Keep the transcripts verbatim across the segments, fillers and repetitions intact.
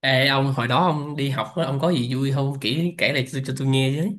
Ê ông hồi đó ông đi học á, ông có gì vui không kể kể lại cho, cho tôi nghe chứ.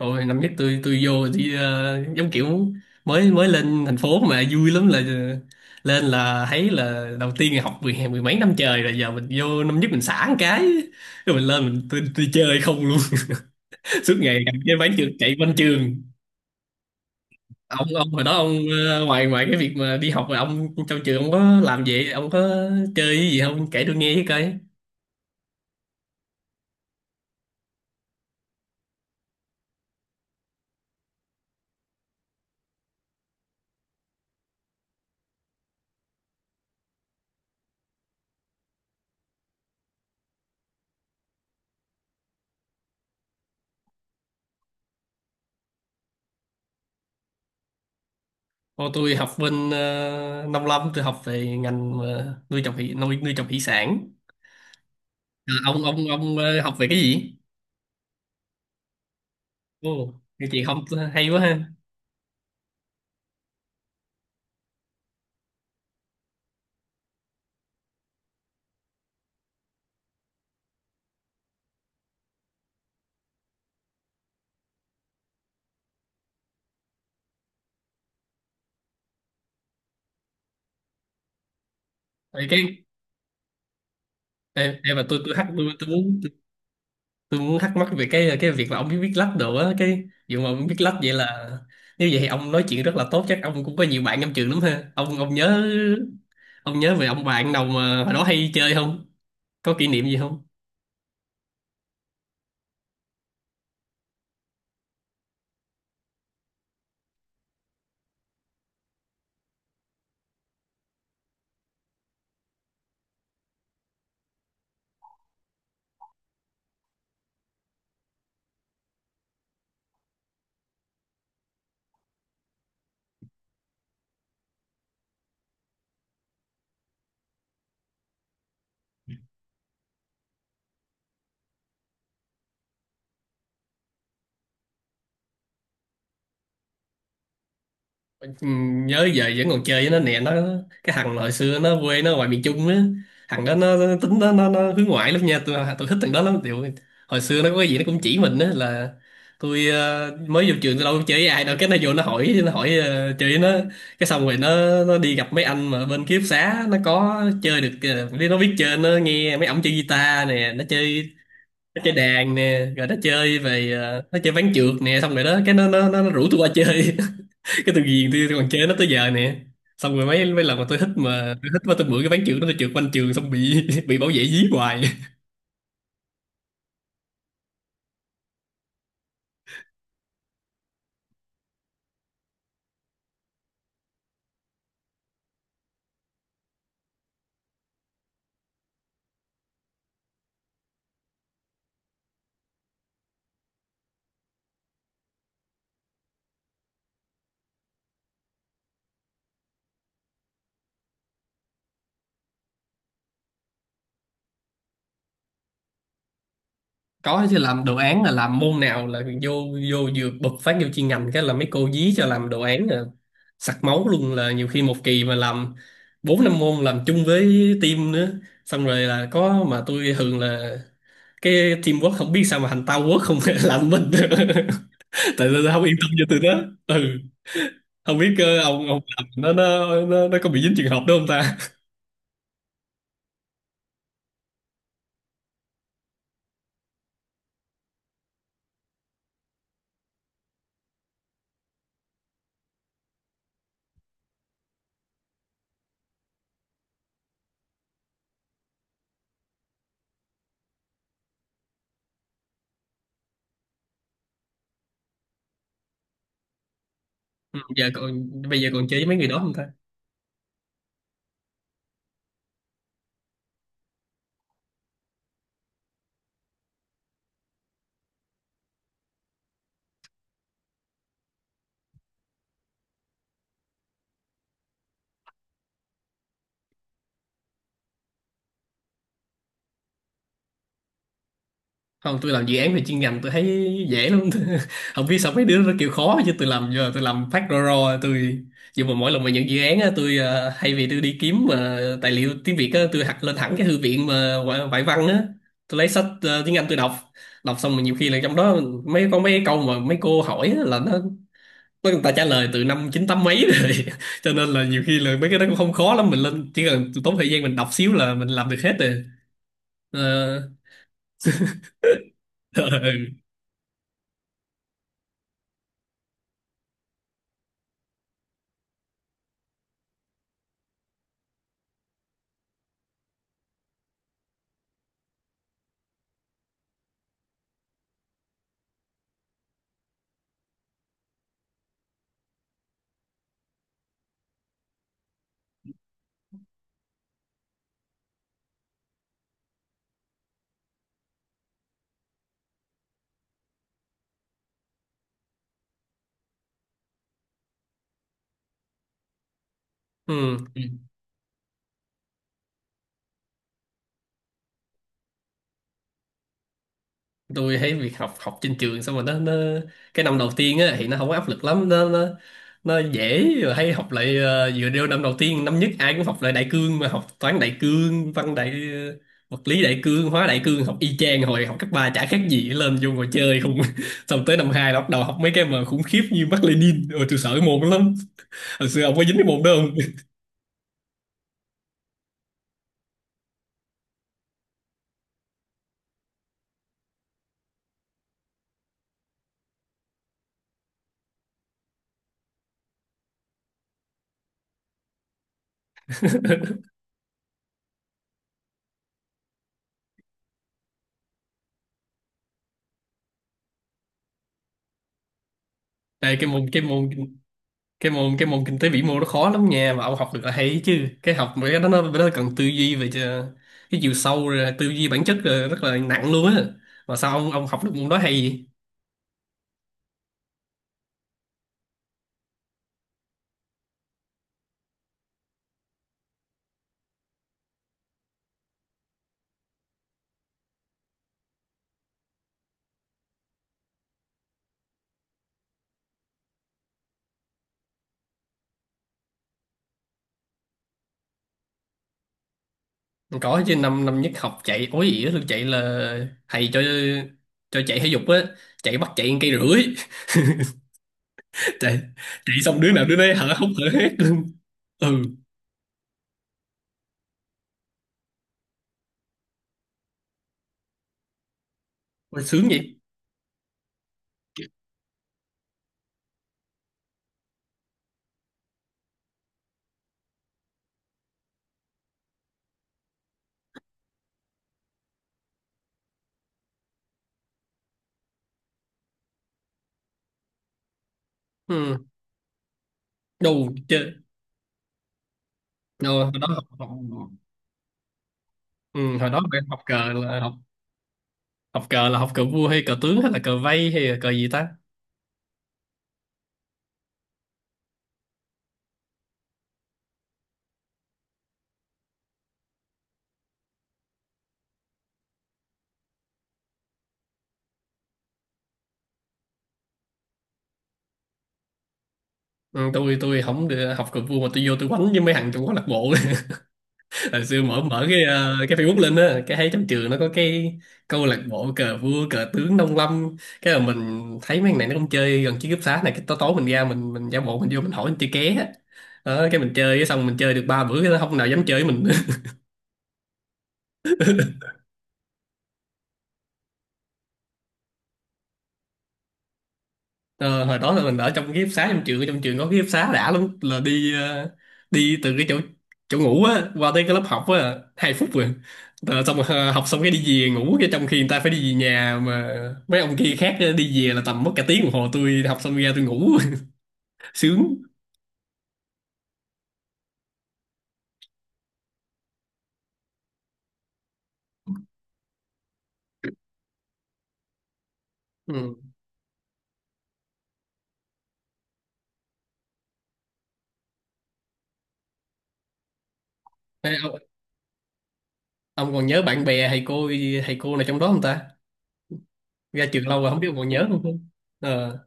Hồi năm nhất tôi tôi vô đi ờ, giống kiểu mới mới lên thành phố mà vui lắm, là lên là thấy là đầu tiên là học mười mười mấy năm trời rồi giờ mình vô năm nhất mình xả một cái rồi mình lên mình tôi, tôi chơi không luôn suốt ngày cầm cái bán trường chạy quanh trường. Ông ông hồi đó ông ờ, ngoài ngoài cái việc mà đi học rồi ông trong trường ông có làm gì, ông có chơi cái gì không, kể tôi nghe với coi. Ô, tôi học bên uh, nông lâm, tôi học về ngành ờ, nuôi trồng thủy nuôi nuôi trồng thủy sản. Ờ, ông ông ông ờ, học về cái gì? Ồ, cái chị không ờ, hay quá ha. Vậy cái em, em mà tôi tôi thắc tôi, tôi muốn tôi, tôi muốn thắc mắc về cái cái việc là ông biết viết lách đồ á, cái dù mà ông biết lách vậy là nếu vậy thì ông nói chuyện rất là tốt, chắc ông cũng có nhiều bạn trong trường lắm ha. Ông ông nhớ ông nhớ về ông bạn nào mà hồi đó hay chơi không, có kỷ niệm gì không? Ừ, nhớ, giờ vẫn còn chơi với nó nè. Nó cái thằng hồi xưa nó quê nó ngoài miền Trung á, thằng đó nó, tính nó, nó, nó hướng ngoại lắm nha, tôi tôi thích thằng đó lắm. Điều, hồi xưa nó có cái gì nó cũng chỉ mình á, là tôi ờ, mới vô trường tôi đâu có chơi với ai đâu, cái nó vô nó hỏi nó hỏi ờ, chơi với nó, cái xong rồi nó nó đi gặp mấy anh mà bên ký túc xá nó có chơi được. Ờ, đi nó biết chơi, nó nghe mấy ổng chơi guitar nè, nó chơi, nó chơi đàn nè, rồi nó chơi về ờ, nó chơi ván trượt nè, xong rồi đó cái nó nó nó, nó rủ tôi qua chơi, cái từ ghiền tôi, tôi còn chơi nó tới giờ nè. Xong rồi mấy mấy lần mà tôi thích mà tôi thích mà tôi bữa cái ván trường đó tôi trượt quanh trường xong bị bị bảo vệ dí hoài. Có chứ, làm đồ án là làm môn nào là vô vô vừa bật phát vô chuyên ngành cái là mấy cô dí cho làm đồ án là sặc máu luôn, là nhiều khi một kỳ mà làm bốn năm môn làm chung với team nữa, xong rồi là có mà tôi thường là cái teamwork không biết sao mà thành tao quốc không làm mình tại tôi không yên tâm cho tụi nó. Ừ, không biết ờ, ông ông làm nó nó nó, nó có bị dính trường hợp đó không ta? Ừ, giờ còn, bây giờ còn chơi với mấy người đó không ta? Không, tôi làm dự án về chuyên ngành tôi thấy dễ lắm không biết sao mấy đứa nó kêu khó chứ tôi làm giờ tôi làm phát ro ro. Tôi nhưng mà mỗi lần mà nhận dự án á tôi ờ, thay vì tôi đi kiếm mà tài liệu tiếng Việt á, tôi học lên thẳng cái thư viện mà ngoại ngoại văn á, tôi lấy sách ờ, tiếng Anh tôi đọc. Đọc xong mà nhiều khi là trong đó mấy có mấy câu mà mấy cô hỏi á, là nó mấy người ta trả lời từ năm chín tám mấy rồi cho nên là nhiều khi là mấy cái đó cũng không khó lắm, mình lên chỉ cần tốn thời gian mình đọc xíu là mình làm được hết rồi. Ờ, ừ, tôi thấy việc học, học trên trường xong rồi nó nó cái năm đầu tiên á thì nó không có áp lực lắm, nó nó nó dễ, rồi hay học lại ờ, vừa đeo năm đầu tiên, năm nhất ai cũng học lại đại cương mà, học toán đại cương, văn đại ờ, vật lý đại cương, hóa đại cương, học y chang hồi học cấp ba, chả khác gì, lên vô ngồi chơi không xong tới năm hai là bắt đầu học mấy cái mà khủng khiếp như Mác Lênin, rồi tôi sợ cái môn đó lắm. Hồi xưa ông có dính cái môn đó không? Đây cái môn cái môn cái môn cái môn kinh tế vĩ mô nó khó lắm nha, mà ông học được là hay chứ, cái học mấy cái đó nó nó cần tư duy về cho- cái chiều sâu rồi tư duy bản chất, rồi rất là nặng luôn á, mà sao ông ông học được môn đó hay vậy? Có chứ, năm năm nhất học chạy ối ỉa luôn, chạy là thầy cho cho chạy thể dục á, chạy bắt chạy cây rưỡi chạy chạy xong đứa nào đứa đấy hở hốc hở hét luôn. Ừ. Ôi, sướng vậy. Ừ, đâu chơi đâu, hồi đó học, học ừ, hồi đó phải học cờ là học học cờ là học cờ vua hay cờ tướng hay là cờ vây hay là cờ gì ta? Ừ, tôi tôi không được học cờ vua mà tôi vô tôi quánh với mấy thằng trong câu lạc bộ hồi xưa mở mở cái ờ, cái Facebook lên á, cái thấy trong trường nó có cái câu lạc bộ cờ vua cờ tướng nông lâm, cái là mình thấy mấy thằng này nó không chơi gần chiếc cúp xá này, cái tối tối mình ra mình mình giả bộ mình vô mình hỏi mình chơi ké á. Đó, cái mình chơi xong mình chơi được ba bữa cái nó không nào dám chơi với mình Ờ, hồi đó là mình ở trong cái ký túc xá trong trường, trong trường có ký túc xá đã lắm, là đi ờ, đi từ cái chỗ chỗ ngủ á qua tới cái lớp học á hai phút rồi. Rồi xong rồi, ờ, học xong cái đi về ngủ, cái trong khi người ta phải đi về nhà mà mấy ông kia khác đi về là tầm mất cả tiếng đồng hồ, tôi học xong ra tôi ngủ sướng. Ừ. Ê, ông, ông còn nhớ bạn bè thầy cô, thầy cô nào trong đó không ta, ra trường lâu rồi không biết ông còn nhớ không không ờ,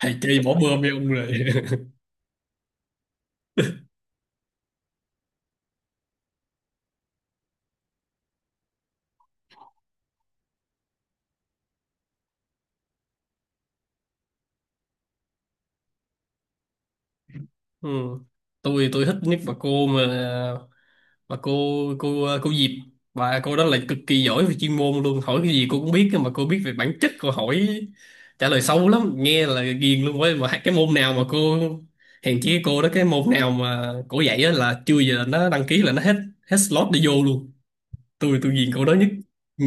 thầy chơi bỏ bơm với ông rồi ừ, tôi tôi thích nhất bà cô mà mà cô cô ờ, cô Diệp, và cô đó là cực kỳ giỏi về chuyên môn luôn, hỏi cái gì cô cũng biết, cơ mà cô biết về bản chất, cô hỏi trả lời sâu lắm nghe là ghiền luôn ấy, mà cái môn nào mà cô hèn chi cái cô đó, cái môn nào mà cô dạy á là chưa giờ là nó đăng ký là nó hết, hết slot để vô luôn, tôi tôi ghiền cô đó nhất. Ừ.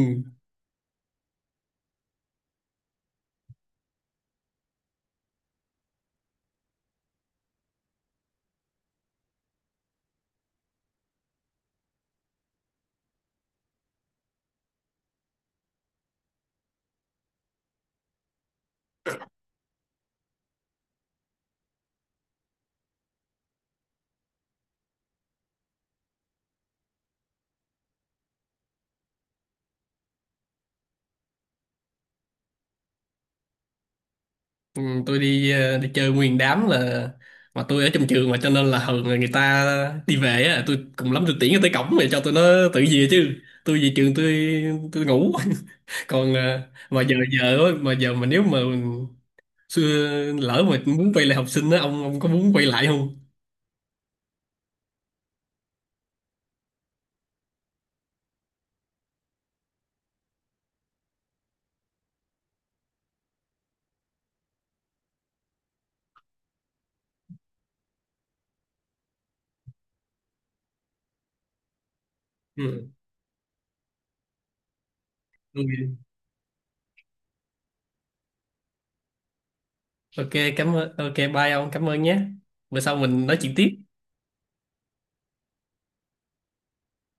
Ừ, tôi đi ờ, đi chơi nguyên đám, là mà tôi ở trong trường mà cho nên là thường là người ta đi về á, tôi cùng lắm tôi tiễn nó tới cổng rồi cho tụi nó tự về chứ, tôi về trường tôi tôi ngủ. Còn à, mà giờ giờ á, mà giờ mà nếu mà xưa lỡ mà muốn quay lại học sinh á, ông ông có muốn quay lại không? Ừ. Ok cảm ơn, ok bye ông, cảm ơn nhé, bữa sau mình nói chuyện tiếp.